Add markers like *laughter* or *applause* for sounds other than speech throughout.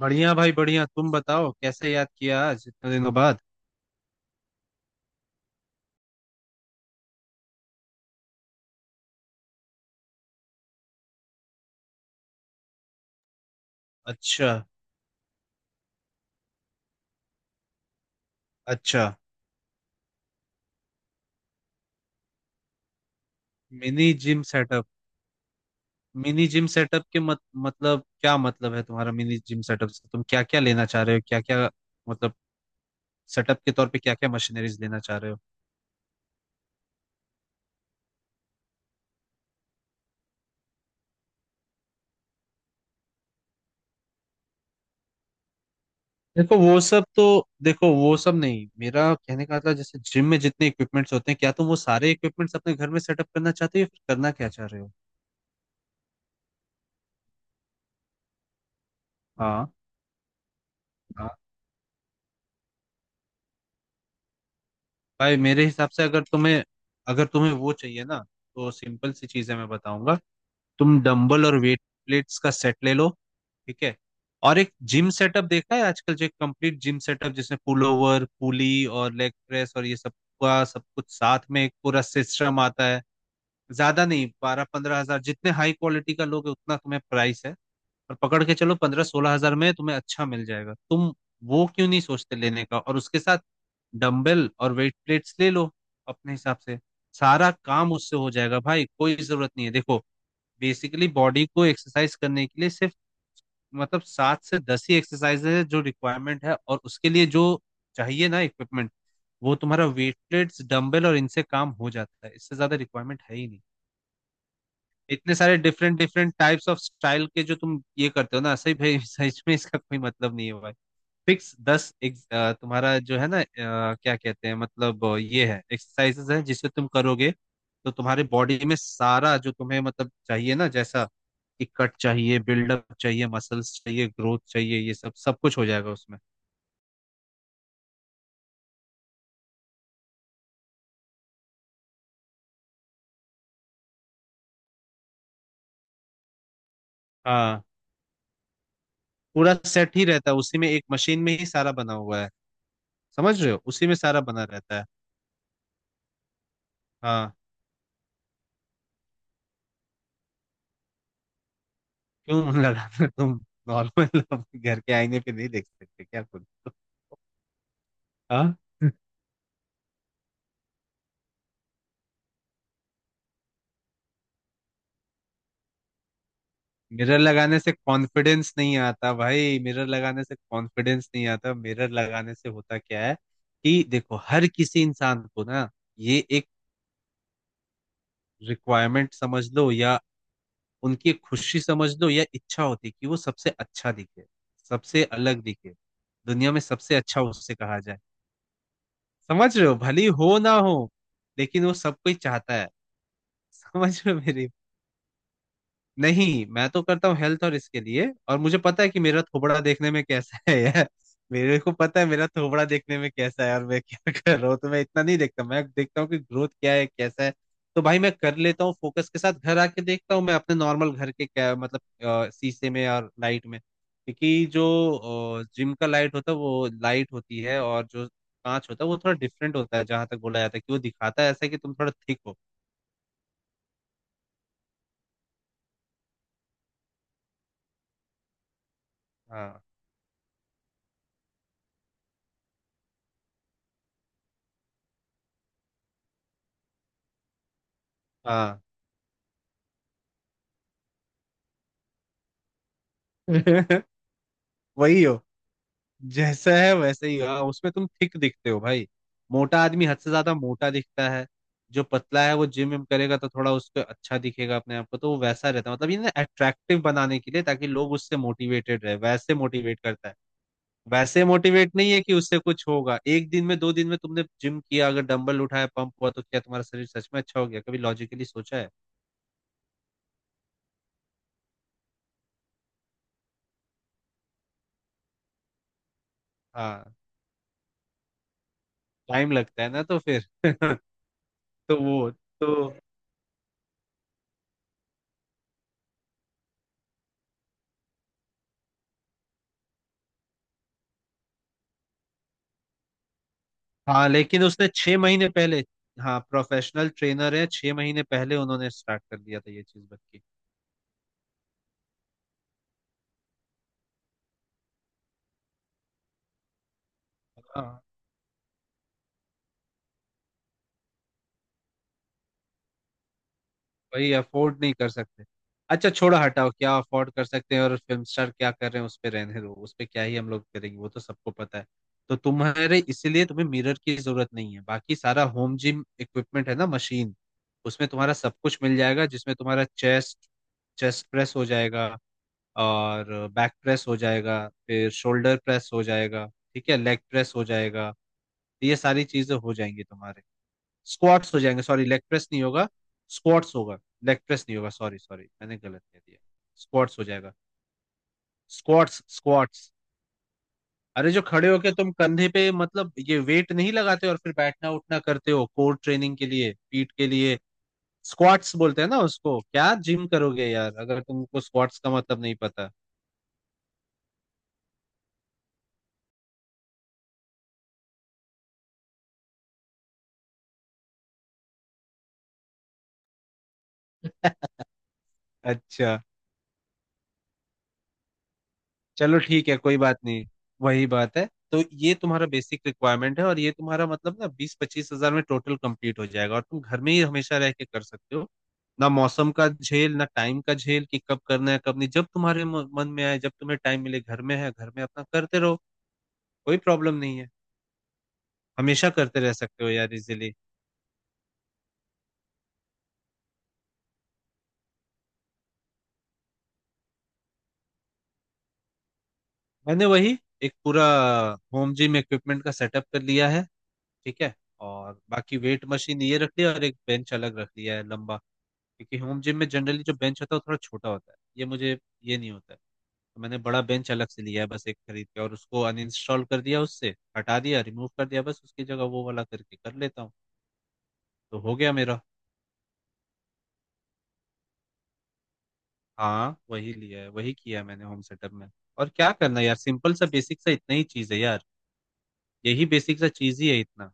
बढ़िया भाई बढ़िया। तुम बताओ कैसे याद किया आज इतने दिनों बाद। अच्छा। अच्छा। Mini gym setup? Mini gym setup के मत, मतलब क्या मतलब है तुम्हारा? मिनी जिम सेटअप से तुम क्या क्या लेना चाह रहे हो? क्या क्या मतलब, सेटअप के तौर पे क्या क्या मशीनरीज लेना चाह रहे हो? देखो वो सब तो, देखो वो सब नहीं। मेरा कहने का था, जैसे जिम में जितने इक्विपमेंट्स होते हैं क्या तुम वो सारे इक्विपमेंट्स अपने घर में सेटअप करना चाहते हो या फिर करना क्या चाह रहे हो? हाँ। भाई मेरे हिसाब से अगर तुम्हें, अगर तुम्हें वो चाहिए ना, तो सिंपल सी चीजें मैं बताऊंगा। तुम डंबल और वेट प्लेट्स का सेट ले लो। ठीक है। और एक जिम सेटअप देखा है आजकल, जो एक कंप्लीट जिम सेटअप जिसमें पुल ओवर पुली और लेग प्रेस और ये सब का सब कुछ साथ में एक पूरा सिस्टम आता है। ज्यादा नहीं 12-15 हजार, जितने हाई क्वालिटी का लोगे उतना तुम्हें प्राइस है। और पकड़ के चलो 15-16 हजार में तुम्हें अच्छा मिल जाएगा। तुम वो क्यों नहीं सोचते लेने का? और उसके साथ डंबल और वेट प्लेट्स ले लो अपने हिसाब से। सारा काम उससे हो जाएगा भाई, कोई जरूरत नहीं है। देखो, बेसिकली बॉडी को एक्सरसाइज करने के लिए सिर्फ मतलब 7 से 10 ही एक्सरसाइज है जो रिक्वायरमेंट है, और उसके लिए जो चाहिए ना इक्विपमेंट, वो तुम्हारा वेट प्लेट्स डंबल और इनसे काम हो जाता है। इससे ज्यादा रिक्वायरमेंट है ही नहीं। इतने सारे different different types of style के जो तुम ये करते हो ना, सही भाई *laughs* सच में इसका कोई मतलब नहीं है भाई। फिक्स दस एक, तुम्हारा जो है ना, क्या कहते हैं मतलब ये है, एक्सरसाइजेस है जिसे तुम करोगे तो तुम्हारे बॉडी में सारा जो तुम्हें मतलब चाहिए ना, जैसा कि कट चाहिए बिल्डअप चाहिए मसल्स चाहिए ग्रोथ चाहिए, ये सब सब कुछ हो जाएगा उसमें। हाँ। पूरा सेट ही रहता है उसी में, एक मशीन में ही सारा बना हुआ है। समझ रहे हो, उसी में सारा बना रहता है। हाँ। क्यों, मन लगा था तुम? नॉर्मल *laughs* घर के आईने पे नहीं देख सकते क्या खुद को? हाँ। मिरर लगाने से कॉन्फिडेंस नहीं आता भाई, मिरर लगाने से कॉन्फिडेंस नहीं आता। मिरर लगाने से होता क्या है कि देखो हर किसी इंसान को ना, ये एक रिक्वायरमेंट समझ लो, या उनकी एक खुशी समझ लो, या इच्छा होती है कि वो सबसे अच्छा दिखे, सबसे अलग दिखे, दुनिया में सबसे अच्छा उससे कहा जाए। समझ रहे हो, भली हो ना हो, लेकिन वो सब कोई चाहता है। *laughs* समझ रहे हो मेरी। नहीं, मैं तो करता हूँ हेल्थ और इसके लिए, और मुझे पता है कि मेरा थोबड़ा देखने में कैसा है यार। मेरे को पता है मेरा थोबड़ा देखने में कैसा है और मैं क्या *laughs* कर रहा हूँ, तो मैं इतना नहीं देखता। मैं देखता हूँ कि ग्रोथ क्या है कैसा है। तो भाई मैं कर लेता हूँ फोकस के साथ। घर आके देखता हूँ मैं अपने नॉर्मल घर के, क्या मतलब, शीशे में और लाइट में, क्योंकि जो जिम का लाइट होता है वो लाइट होती है, और जो कांच होता है वो थोड़ा डिफरेंट होता है। जहां तक बोला जाता है कि वो दिखाता है ऐसा कि तुम थोड़ा थिक हो। हाँ। हाँ। *laughs* वही हो जैसा है वैसे ही। हाँ, उसमें तुम थिक दिखते हो भाई। मोटा आदमी हद से ज्यादा मोटा दिखता है। जो पतला है वो जिम विम करेगा तो थोड़ा उसको अच्छा दिखेगा अपने आप को, तो वो वैसा रहता है। मतलब ये ना अट्रैक्टिव बनाने के लिए, ताकि लोग उससे मोटिवेटेड रहे, वैसे मोटिवेट करता है। वैसे मोटिवेट नहीं है कि उससे कुछ होगा एक दिन में दो दिन में। तुमने जिम किया, अगर डंबल उठाया, पंप हुआ, तो क्या तुम्हारा शरीर सच में अच्छा हो गया? कभी लॉजिकली सोचा है? हाँ, टाइम लगता है ना तो फिर *laughs* तो वो तो, हाँ लेकिन उसने 6 महीने पहले, हाँ प्रोफेशनल ट्रेनर है, 6 महीने पहले उन्होंने स्टार्ट कर दिया था ये चीज बच्ची। हाँ वही अफोर्ड नहीं कर सकते। अच्छा छोड़ो हटाओ, क्या अफोर्ड कर सकते हैं और फिल्म स्टार क्या कर रहे हैं उस पे रहने दो। उस पे क्या ही हम लोग करेंगे, वो तो सबको पता है। तो तुम्हारे इसीलिए तुम्हें मिरर की जरूरत नहीं है। बाकी सारा होम जिम इक्विपमेंट है ना मशीन, उसमें तुम्हारा सब कुछ मिल जाएगा, जिसमें तुम्हारा चेस्ट, चेस्ट प्रेस हो जाएगा, और बैक प्रेस हो जाएगा, फिर शोल्डर प्रेस हो जाएगा, ठीक है, लेग प्रेस हो जाएगा। तो ये सारी चीजें हो जाएंगी तुम्हारे। स्क्वाट्स हो जाएंगे, सॉरी लेग प्रेस नहीं होगा, स्क्वाट्स होगा, लेग प्रेस नहीं होगा, सॉरी सॉरी मैंने गलत कह दिया। स्क्वाट्स हो जाएगा। Squats, squats. अरे जो खड़े होके तुम कंधे पे मतलब ये वेट नहीं लगाते और फिर बैठना उठना करते हो, कोर ट्रेनिंग के लिए, पीठ के लिए, स्क्वाट्स बोलते हैं ना उसको। क्या जिम करोगे यार अगर तुमको स्क्वाट्स का मतलब नहीं पता! *laughs* अच्छा। चलो ठीक है कोई बात नहीं, वही बात है। तो ये तुम्हारा बेसिक रिक्वायरमेंट है, और ये तुम्हारा मतलब ना 20-25 हजार में टोटल कंप्लीट हो जाएगा, और तुम घर में ही हमेशा रह के कर सकते हो। ना मौसम का झेल, ना टाइम का झेल कि कब करना है कब नहीं। जब तुम्हारे मन में आए, जब तुम्हें टाइम मिले, घर में है घर में, अपना करते रहो। कोई प्रॉब्लम नहीं है। हमेशा करते रह सकते हो यार इजीली। मैंने वही एक पूरा होम जिम इक्विपमेंट का सेटअप कर लिया है। ठीक है। और बाकी वेट मशीन ये रख लिया, और एक बेंच अलग रख लिया है लंबा, क्योंकि होम जिम में जनरली जो बेंच होता है वो थोड़ा छोटा होता है, ये मुझे ये नहीं होता है। तो मैंने बड़ा बेंच अलग से लिया है बस एक खरीद के, और उसको अनइंस्टॉल कर दिया, उससे हटा दिया, रिमूव कर दिया, बस उसकी जगह वो वाला करके कर लेता हूँ। तो हो गया मेरा। हाँ वही लिया है, वही किया है मैंने होम सेटअप में। और क्या करना यार, सिंपल सा बेसिक सा इतना ही चीज है यार। यही बेसिक सा चीज ही है इतना।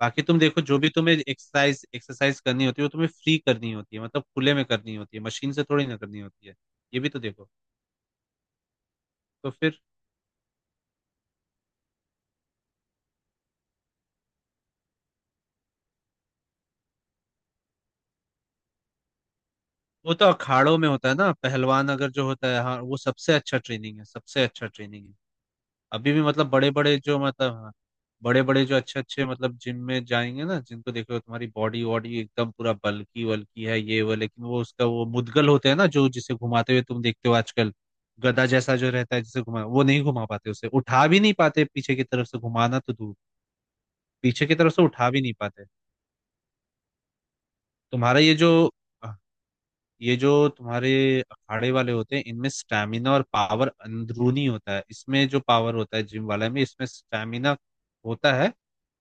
बाकी तुम देखो जो भी तुम्हें एक्सरसाइज एक्सरसाइज करनी होती है वो तुम्हें फ्री करनी होती है, मतलब खुले में करनी होती है, मशीन से थोड़ी ना करनी होती है। ये भी तो देखो। तो फिर, वो तो अखाड़ों में होता है ना, पहलवान अगर जो होता है, हाँ वो सबसे अच्छा ट्रेनिंग है, सबसे अच्छा ट्रेनिंग है। अभी भी मतलब बड़े बड़े जो मतलब, हाँ बड़े बड़े जो अच्छे अच्छे मतलब जिम में जाएंगे ना, जिनको देखो तुम्हारी बॉडी वॉडी एकदम पूरा बल्की वल्की है ये वो, लेकिन वो उसका वो मुद्गल होते हैं ना, जो जिसे घुमाते हुए तुम देखते हो आजकल, गधा जैसा जो रहता है, जिसे घुमा वो नहीं घुमा पाते, उसे उठा भी नहीं पाते, पीछे की तरफ से घुमाना तो दूर, पीछे की तरफ से उठा भी नहीं पाते। तुम्हारा ये जो, ये जो तुम्हारे अखाड़े वाले होते हैं, इनमें स्टैमिना और पावर अंदरूनी होता है। इसमें जो पावर होता है जिम वाले में, इसमें स्टैमिना होता है,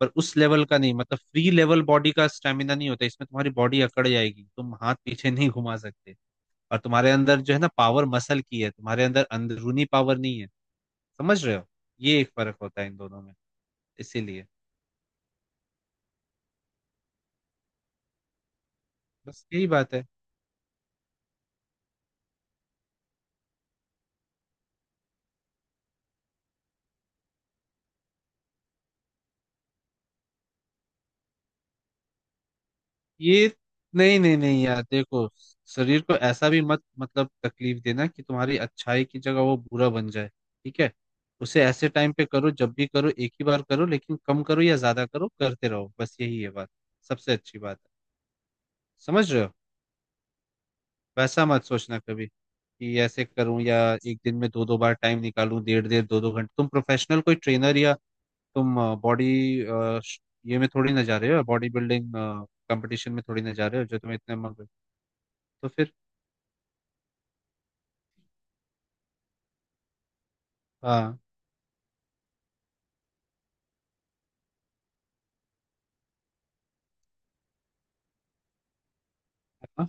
पर उस लेवल का नहीं। मतलब फ्री लेवल बॉडी का स्टैमिना नहीं होता इसमें, तुम्हारी बॉडी अकड़ जाएगी, तुम हाथ पीछे नहीं घुमा सकते, और तुम्हारे अंदर जो है ना पावर मसल की है, तुम्हारे अंदर अंदरूनी पावर नहीं है। समझ रहे हो, ये एक फर्क होता है इन दोनों में। इसीलिए, बस यही बात है। ये, नहीं नहीं नहीं यार, देखो शरीर को ऐसा भी मत मतलब तकलीफ देना कि तुम्हारी अच्छाई की जगह वो बुरा बन जाए। ठीक है। उसे ऐसे टाइम पे करो जब भी करो, एक ही बार करो, लेकिन कम करो या ज्यादा करो करते रहो। बस यही है बात, सबसे अच्छी बात है। समझ रहे हो, वैसा मत सोचना कभी कि ऐसे करूं या एक दिन में दो दो बार टाइम निकालूं, डेढ़ डेढ़ दो दो घंटे। तुम प्रोफेशनल कोई ट्रेनर, या तुम बॉडी, ये में थोड़ी ना जा रहे हो, बॉडी बिल्डिंग कंपटीशन में थोड़ी ना जा रहे हो, जो तुम्हें इतने मग। तो फिर, हाँ। हाँ,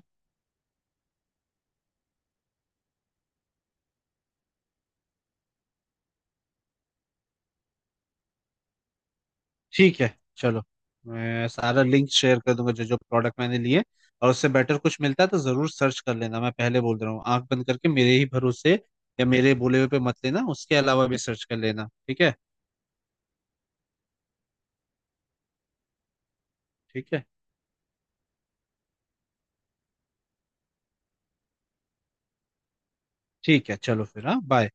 ठीक है चलो। मैं सारा लिंक शेयर कर दूंगा जो जो प्रोडक्ट मैंने लिए, और उससे बेटर कुछ मिलता है तो जरूर सर्च कर लेना। मैं पहले बोल रहा हूँ, आंख बंद करके मेरे ही भरोसे या मेरे बोले हुए पे मत लेना, उसके अलावा भी सर्च कर लेना। ठीक है। ठीक है। ठीक है चलो फिर, हाँ बाय।